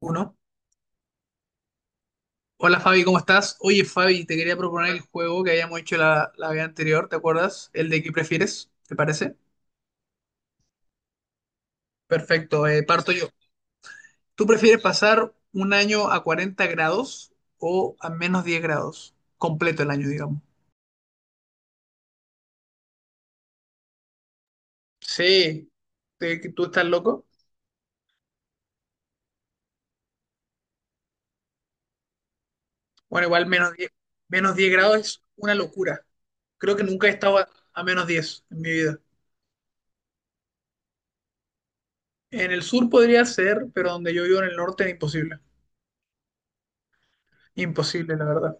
Uno. Hola Fabi, ¿cómo estás? Oye Fabi, te quería proponer el juego que habíamos hecho la vez anterior, ¿te acuerdas? El de qué prefieres, ¿te parece? Perfecto, parto yo. ¿Tú prefieres pasar un año a 40 grados o a -10 grados? Completo el año, digamos. Sí. ¿Te- que ¿Tú estás loco? Bueno, igual -10, -10 grados es una locura. Creo que nunca he estado a -10 en mi vida. En el sur podría ser, pero donde yo vivo en el norte es imposible. Imposible, la verdad.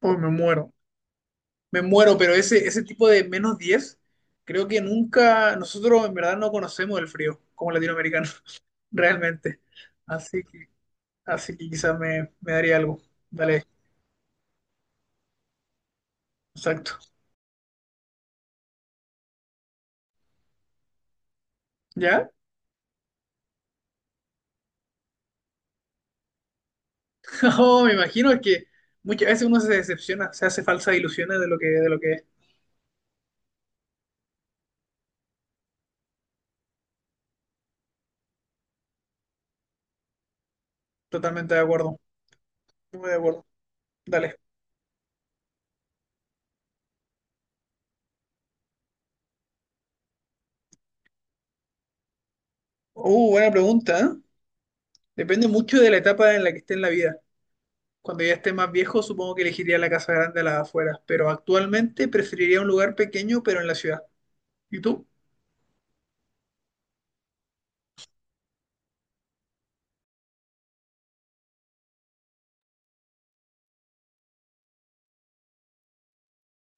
Uy, me muero, me muero, pero ese tipo de -10 creo que nunca, nosotros en verdad no conocemos el frío como latinoamericanos, realmente. Así que, así que quizás me daría algo. Dale, exacto. ¿Ya? Oh, me imagino, es que muchas veces uno se decepciona, se hace falsas ilusiones de lo que es. Totalmente de acuerdo. Muy de acuerdo. Dale. Buena pregunta, ¿eh? Depende mucho de la etapa en la que esté en la vida. Cuando ya esté más viejo, supongo que elegiría la casa grande a las afueras, pero actualmente preferiría un lugar pequeño, pero en la ciudad. ¿Y tú?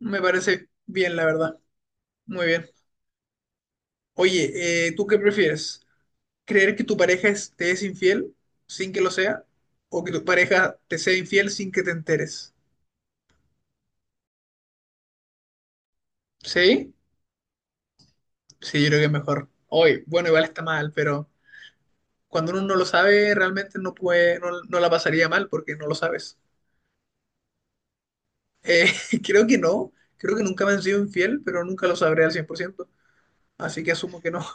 Me parece bien, la verdad. Muy bien. Oye, ¿tú qué prefieres? ¿Creer que te es infiel sin que lo sea? ¿O que tu pareja te sea infiel sin que te enteres? ¿Sí? Sí, yo creo que es mejor. Hoy, bueno, igual está mal, pero cuando uno no lo sabe, realmente no, no la pasaría mal porque no lo sabes. Eh, creo que no, creo que nunca me han sido infiel, pero nunca lo sabré al 100%, así que asumo que no,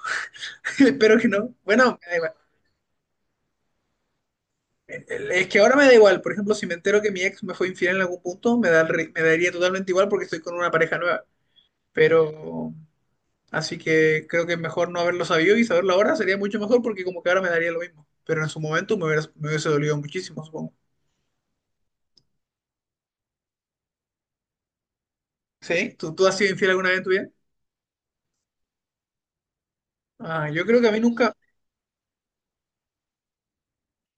espero que no. Bueno, me da igual. Es que ahora me da igual, por ejemplo, si me entero que mi ex me fue infiel en algún punto, me da, el ri- me daría totalmente igual porque estoy con una pareja nueva, pero así que creo que mejor no haberlo sabido y saberlo ahora sería mucho mejor porque como que ahora me daría lo mismo, pero en su momento me hubiese dolido muchísimo, supongo. ¿Sí? ¿Tú has sido infiel alguna vez en tu vida? Ah, yo creo que a mí nunca.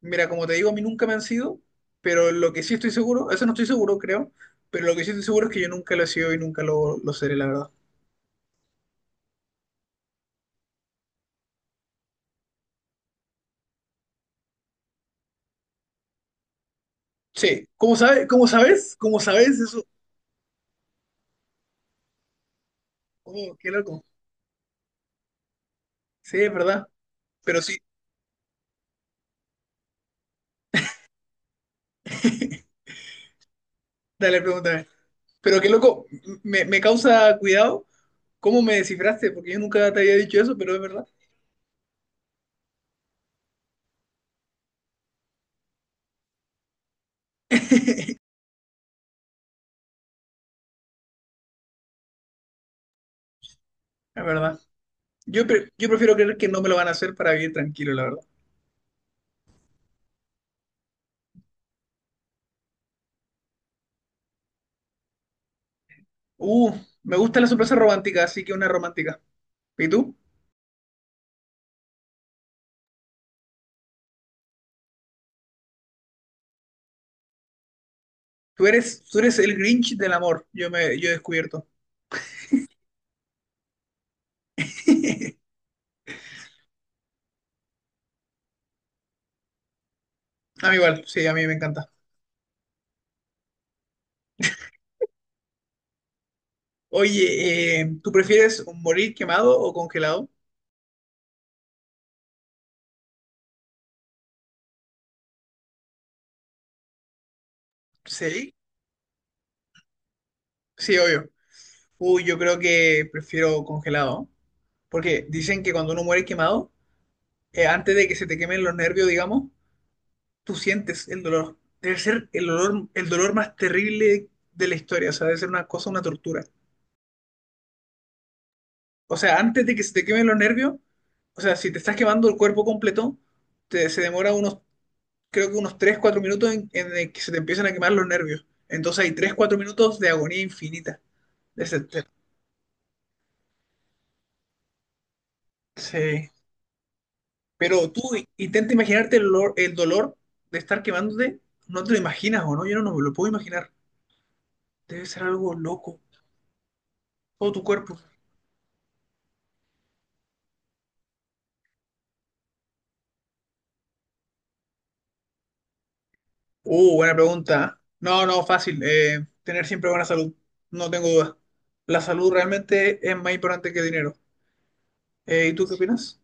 Mira, como te digo, a mí nunca me han sido, pero lo que sí estoy seguro, eso no estoy seguro, creo, pero lo que sí estoy seguro es que yo nunca lo he sido y nunca lo seré, la verdad. Sí, ¿cómo sabes? ¿Cómo sabes? ¿Cómo sabes eso? Oh, qué loco. Sí, es verdad. Pero sí, dale, pregúntame. Pero qué loco, me causa cuidado cómo me descifraste, porque yo nunca te había dicho eso, pero es verdad. Es verdad. Yo prefiero creer que no me lo van a hacer para vivir tranquilo, la verdad. Uh, me gusta la sorpresa romántica, así que una romántica. ¿Y tú? Tú eres el Grinch del amor, yo he descubierto. A mí igual, sí, a mí me encanta. Oye, ¿tú prefieres morir quemado o congelado? Sí, sí, obvio. Uy, yo creo que prefiero congelado, ¿no? Porque dicen que cuando uno muere quemado, antes de que se te quemen los nervios, digamos, tú sientes el dolor. Debe ser el dolor más terrible de la historia, o sea, debe ser una cosa, una tortura. O sea, antes de que se te quemen los nervios, o sea, si te estás quemando el cuerpo completo, se demora unos, creo que unos 3 4 minutos en el que se te empiezan a quemar los nervios. Entonces hay 3 4 minutos de agonía infinita. De ese- de- sí. Pero tú intenta imaginarte el dolor de estar quemándote. No te lo imaginas, ¿o no? Yo no me lo puedo imaginar. Debe ser algo loco. Todo tu cuerpo. Buena pregunta, ¿eh? No, no, fácil. Tener siempre buena salud. No tengo duda. La salud realmente es más importante que dinero. ¿Y tú qué opinas?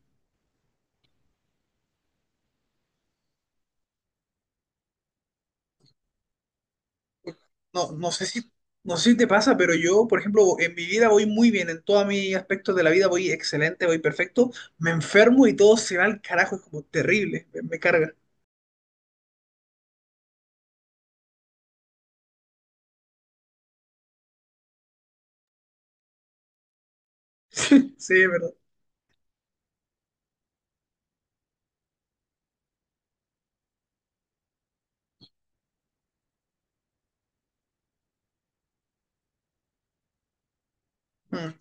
No, no sé si, no sé si te pasa, pero yo, por ejemplo, en mi vida voy muy bien, en todos mis aspectos de la vida voy excelente, voy perfecto, me enfermo y todo se va al carajo, es como terrible, me carga. Sí, sí, es verdad. Mm.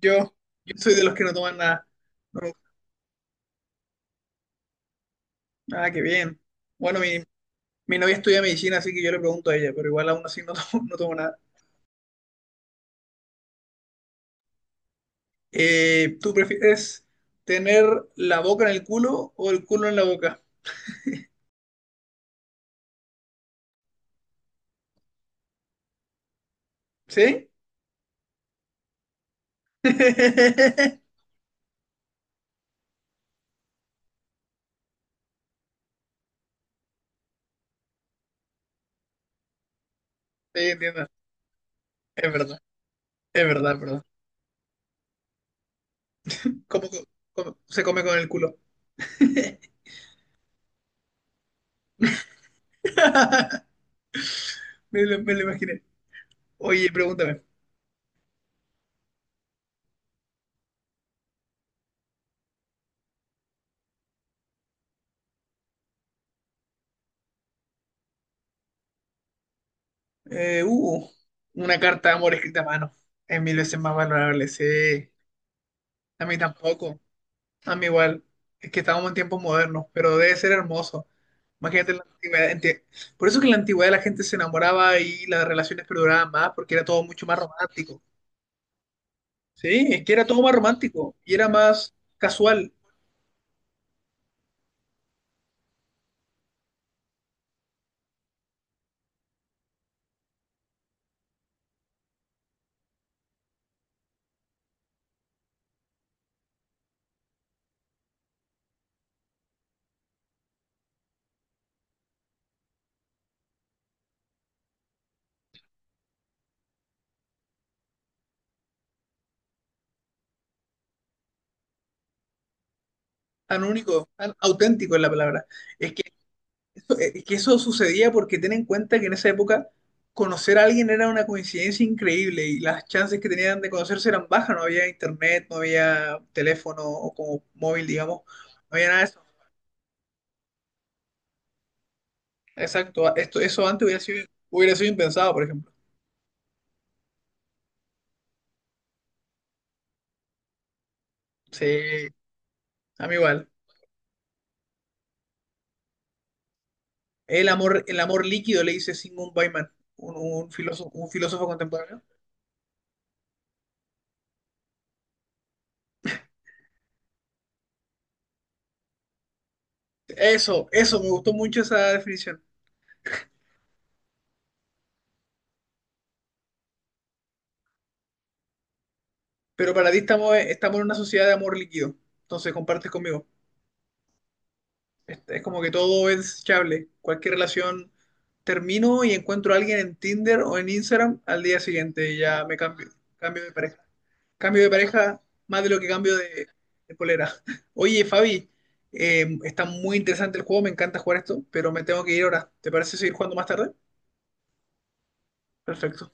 Yo, yo soy de los que no toman nada. No, ah, qué bien. Bueno, mi novia estudia medicina, así que yo le pregunto a ella, pero igual aún así no tomo, no tomo nada. ¿Tú prefieres tener la boca en el culo o el culo en la boca? ¿Sí? Sí, entiendo, es verdad. Es verdad, es verdad. ¿Cómo, co- ¿Cómo se come con el culo? Me lo imaginé. Oye, pregúntame. Eh, uh, una carta de amor escrita a mano. Es mil veces más valorable, sí. A mí tampoco. A mí igual. Es que estamos en tiempos modernos, pero debe ser hermoso. Imagínate la antigüedad. Por eso que en la antigüedad la gente se enamoraba y las relaciones perduraban más, porque era todo mucho más romántico. Sí, es que era todo más romántico y era más casual, auténtico es la palabra. Es que eso sucedía porque ten en cuenta que en esa época conocer a alguien era una coincidencia increíble y las chances que tenían de conocerse eran bajas, no había internet, no había teléfono o como móvil, digamos, no había nada de eso. Exacto, esto, eso antes hubiera sido impensado, por ejemplo. Sí, a mí igual. El amor líquido, le dice Sigmund Bauman, un filósofo contemporáneo. Eso, me gustó mucho esa definición. Pero para ti estamos, estamos en una sociedad de amor líquido, entonces compartes conmigo. Es como que todo es chable. Cualquier relación termino y encuentro a alguien en Tinder o en Instagram al día siguiente y ya me cambio. Cambio de pareja. Cambio de pareja más de lo que cambio de polera. Oye, Fabi, está muy interesante el juego, me encanta jugar esto, pero me tengo que ir ahora. ¿Te parece seguir jugando más tarde? Perfecto.